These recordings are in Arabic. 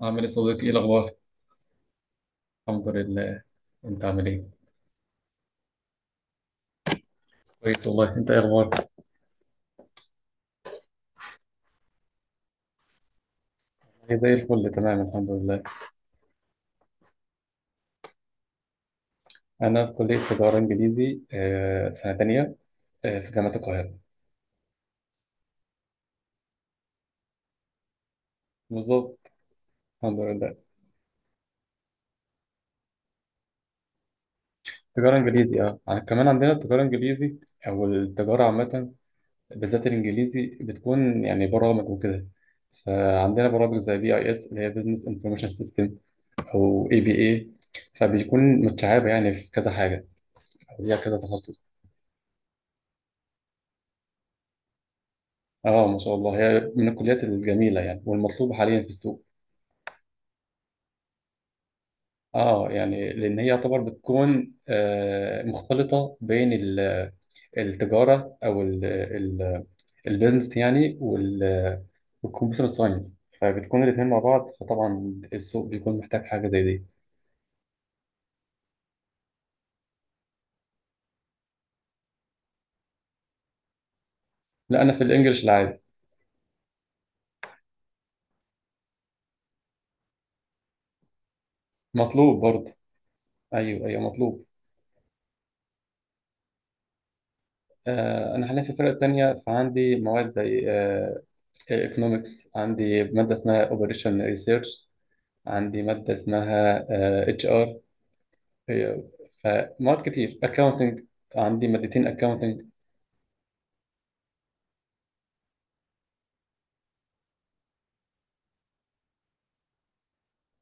عامل ايه صديقي؟ ايه الاخبار؟ الحمد لله. انت عامل ايه؟ كويس والله. انت ايه اخبارك؟ أنا زي الفل، تمام الحمد لله. انا في كليه تجاره انجليزي، سنه تانية، في جامعه القاهره. بالظبط، الحمد لله. تجاره انجليزي، اه، كمان عندنا التجاره الانجليزي او التجاره عامه، بالذات الانجليزي بتكون يعني برامج وكده. فعندنا برامج زي بي اي اس اللي هي بزنس انفورميشن سيستم او اي بي اي. فبيكون متشعبه يعني في كذا حاجه او ليها كذا تخصص. اه، ما شاء الله، هي من الكليات الجميله يعني، والمطلوبه حاليا في السوق. اه يعني لان هي يعتبر بتكون مختلطه بين التجاره، او البيزنس يعني، والكمبيوتر ساينس. فبتكون الاثنين مع بعض، فطبعا السوق بيكون محتاج حاجه زي دي. لا، انا في الانجليش العادي. مطلوب برضه، ايوه ايوه مطلوب. انا حاليا في الفرقه الثانيه، فعندي مواد زي ايكونومكس، عندي ماده اسمها اوبريشن ريسيرش، عندي مادة اسمها اتش ار، فمواد كتير، اكاونتنج، عندي مادتين اكاونتنج.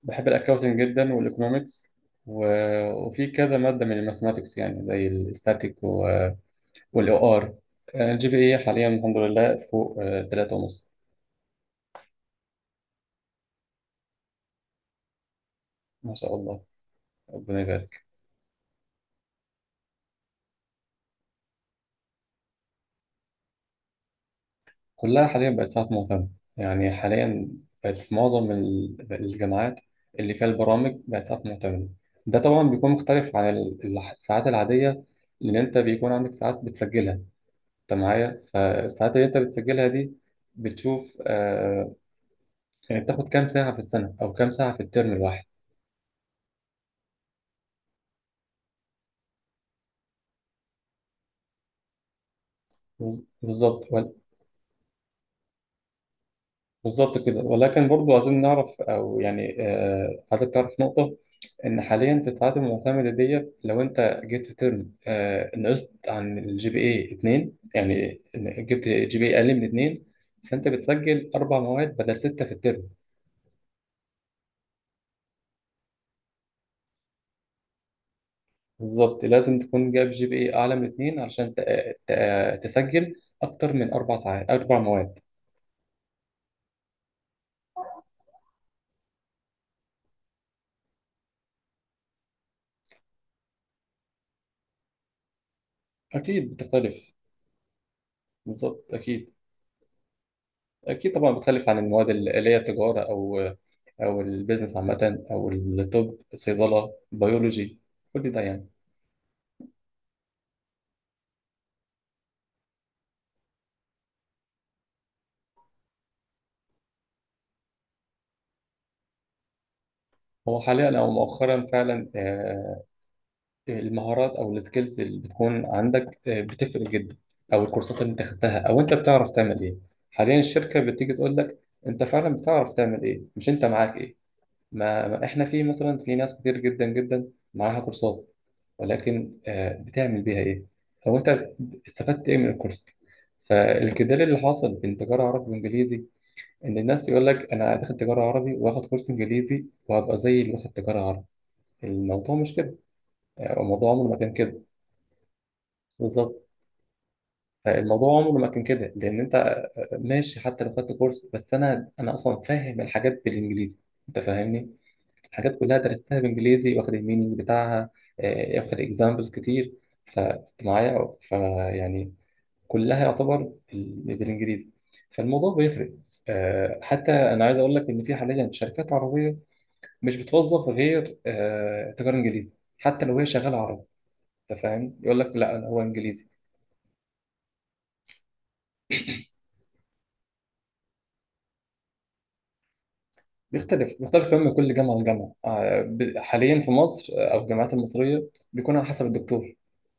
بحب الاكاونتنج جدا والايكونومكس و... وفي كذا مادة من الماثماتكس يعني زي الاستاتيك والاو ار. الجي بي اي حاليا الحمد لله فوق تلاتة ونص. ما شاء الله، ربنا يبارك. كلها حاليا بقت ساعات معتمدة، يعني حاليا بقت في معظم الجامعات اللي فيها البرامج، بقت ساعات معتمدة. ده طبعا بيكون مختلف عن الساعات العادية، لأن أنت بيكون عندك ساعات بتسجلها، أنت معايا؟ فالساعات اللي أنت بتسجلها دي بتشوف آه، يعني بتاخد كام ساعة في السنة أو كام ساعة في الترم الواحد. بالظبط. بالظبط كده، ولكن برضو عايزين نعرف، او يعني آه، عايزك تعرف نقطة: ان حاليا في الساعات المعتمدة ديت، لو انت جبت في ترم آه نقصت عن الجي بي اي اتنين، يعني إن جبت جي بي اي اقل من اتنين، فانت بتسجل اربع مواد بدل ستة في الترم. بالظبط، لازم تكون جايب جي بي اي اعلى من اتنين علشان تسجل اكتر من اربع ساعات، اربع مواد. اكيد بتختلف. بالظبط، اكيد. اكيد طبعا بتختلف عن المواد اللي هي تجارة، او او البيزنس عامه، او الطب، صيدله، بيولوجي، كل ده يعني. هو حاليا او مؤخرا فعلا المهارات او السكيلز اللي بتكون عندك بتفرق جدا، او الكورسات اللي انت خدتها، او انت بتعرف تعمل ايه. حاليا الشركه بتيجي تقول لك: انت فعلا بتعرف تعمل ايه؟ مش انت معاك ايه. ما احنا في مثلا، في ناس كتير جدا جدا معاها كورسات، ولكن بتعمل بيها ايه؟ او انت استفدت ايه من الكورس؟ فالجدال اللي حاصل بين تجاره عربي وانجليزي، ان الناس يقول لك انا داخل تجاره عربي، واخد كورس انجليزي، وهبقى زي اللي واخد تجاره عربي. الموضوع مش كده، يعني الموضوع عمره ما كان كده. بالظبط، الموضوع عمره ما كان كده. لان انت ماشي حتى لو خدت كورس، بس انا اصلا فاهم الحاجات بالانجليزي، انت فاهمني؟ الحاجات كلها درستها بالانجليزي، واخد المينينج بتاعها، واخد اكزامبلز كتير، فكنت معايا، فيعني كلها يعتبر بالانجليزي، فالموضوع بيفرق. حتى انا عايز اقول لك ان في حاليا شركات عربيه مش بتوظف غير تجار انجليزي، حتى لو هي شغاله عربي. انت فاهم؟ يقول لك لا، أنا هو انجليزي. بيختلف، بيختلف كمان من كل جامعه لجامعه، حاليا في مصر، او الجامعات المصريه بيكون على حسب الدكتور،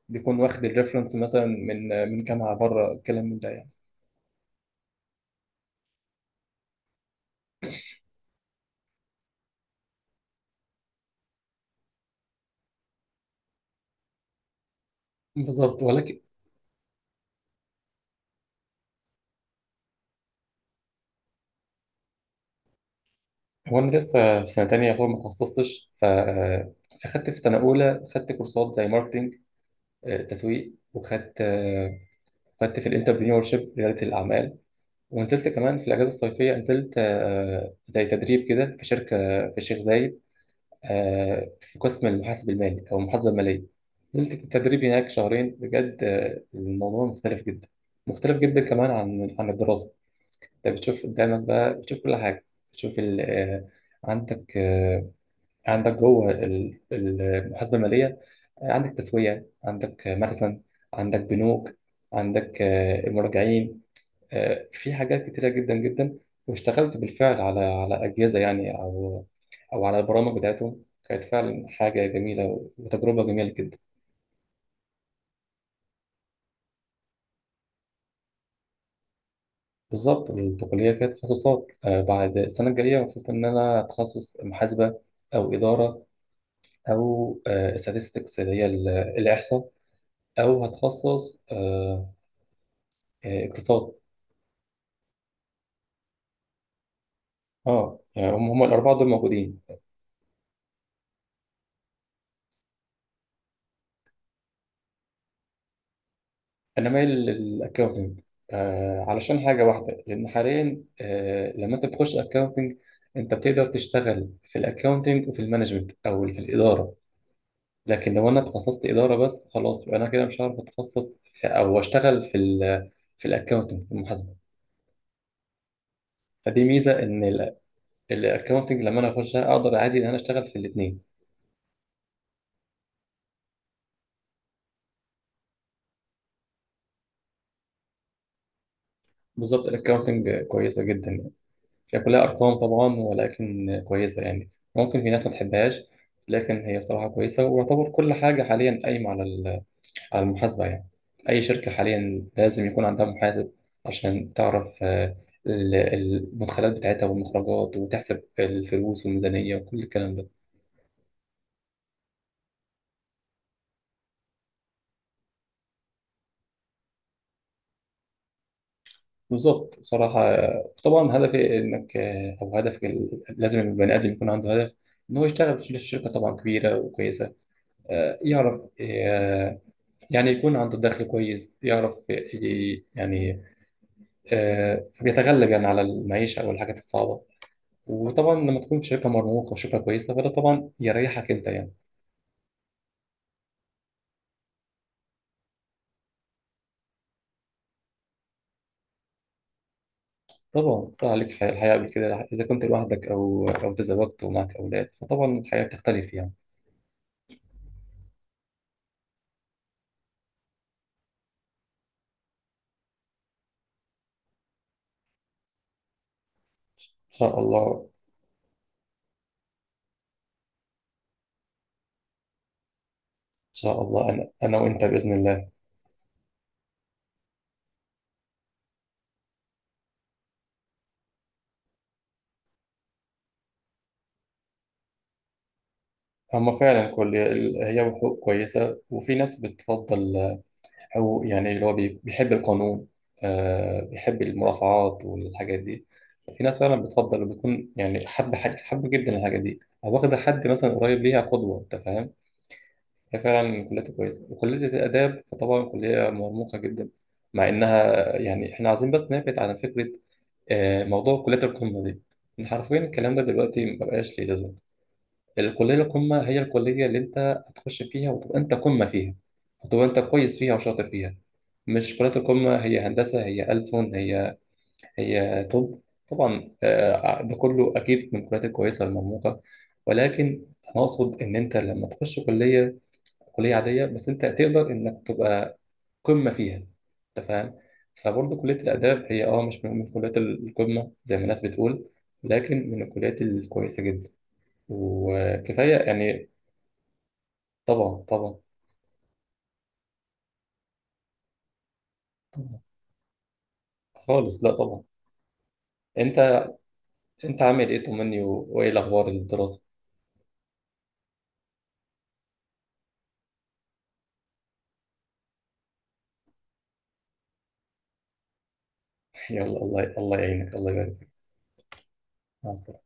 بيكون واخد الريفرنس مثلا من من جامعه بره الكلام، من ده يعني. بالظبط، ولكن هو انا لسه في سنه تانية، يعتبر ما اتخصصتش ف فخدت في سنه اولى خدت كورسات زي ماركتنج، تسويق، وخدت خدت في الانتربرينور شيب، رياده الاعمال. ونزلت كمان في الأجازة الصيفية، نزلت زي تدريب كده في شركة في الشيخ زايد، في قسم المحاسب المالي أو المحاسبة المالية. نزلت التدريب هناك شهرين، بجد الموضوع مختلف جدا، مختلف جدا كمان عن الدراسة. أنت بتشوف قدامك بقى، بتشوف كل حاجة، بتشوف عندك عندك جوه المحاسبة المالية عندك تسوية، عندك مخزن، عندك بنوك، عندك المراجعين، في حاجات كتيرة جدا جدا. واشتغلت بالفعل على أجهزة يعني، أو أو على البرامج بتاعتهم. كانت فعلا حاجة جميلة وتجربة جميلة جدا. بالظبط، البكالوريا كانت تخصصات، بعد السنة الجاية المفروض إن أنا أتخصص محاسبة، أو إدارة، أو استاتستكس اللي هي الإحصاء، أو هتخصص اقتصاد. أه يعني هم الأربعة دول موجودين. انا مايل للاكاونتنج، آه علشان حاجه واحده، لان حاليا آه لما انت بتخش اكاونتنج، انت بتقدر تشتغل في الاكاونتنج وفي المانجمنت او في الاداره. لكن لو انا اتخصصت اداره بس، خلاص، يبقى انا كده مش هعرف اتخصص في او اشتغل في في الاكاونتنج، في المحاسبه. فدي ميزه، ان الاكاونتنج لما انا اخشها اقدر عادي ان انا اشتغل في الاثنين. بالظبط، الاكاونتنج كويسه جدا. هي كلها أرقام طبعا ولكن كويسة يعني، ممكن في ناس ما تحبهاش، لكن هي بصراحة كويسة. ويعتبر كل حاجة حاليا قايمة على على المحاسبة يعني. أي شركة حاليا لازم يكون عندها محاسب عشان تعرف المدخلات بتاعتها والمخرجات، وتحسب الفلوس والميزانية وكل الكلام ده. بالظبط، بصراحة طبعا هدفي إنك أو هدفك لازم البني آدم يكون عنده هدف، إن هو يشتغل في شركة طبعا كبيرة وكويسة، يعرف يعني يكون عنده دخل كويس، يعرف يعني فبيتغلب يعني على المعيشة أو الحاجات الصعبة. وطبعا لما تكون شركة مرموقة وشركة كويسة، فده طبعا يريحك أنت يعني. طبعا صار عليك الحياة، الحياة قبل كده إذا كنت لوحدك، أو أو تزوجت ومعك أولاد، فطبعا الحياة بتختلف يعني. إن شاء الله، إن شاء الله، أنا أنا وأنت بإذن الله. هما فعلا كل، هي حقوق كويسة، وفي ناس بتفضل، هو يعني اللي هو بيحب القانون، آه بيحب المرافعات والحاجات دي. في ناس فعلا بتفضل، بتكون يعني حب حاجة، حب جدا الحاجة دي، أو واخدة حد مثلا قريب ليها قدوة. أنت فاهم؟ هي فعلا كلية كويسة، وكلية الآداب فطبعا كلية مرموقة جدا، مع إنها يعني، إحنا عايزين بس نبعد عن فكرة موضوع كلية القمة دي، إن حرفيا الكلام ده دلوقتي مبقاش ليه لازمة. الكلية القمة هي الكلية اللي أنت هتخش فيها وتبقى أنت قمة فيها، وتبقى أنت كويس فيها وشاطر فيها. مش كلية القمة هي هندسة، هي ألسن، هي هي طب. طبعا ده كله أكيد من الكليات الكويسة المرموقة، ولكن أنا أقصد إن أنت لما تخش كلية، كلية عادية بس أنت تقدر إنك تبقى قمة فيها. أنت فاهم؟ فبرضه كلية الآداب هي أه مش من كليات القمة زي ما الناس بتقول، لكن من الكليات الكويسة جدا. وكفاية يعني. طبعا طبعا. طبعا خالص، لا طبعا. انت، انت عامل ايه؟ طمني، وايه الاخبار الدراسه؟ يلا، الله، الله يعينك، الله يبارك فيك. مع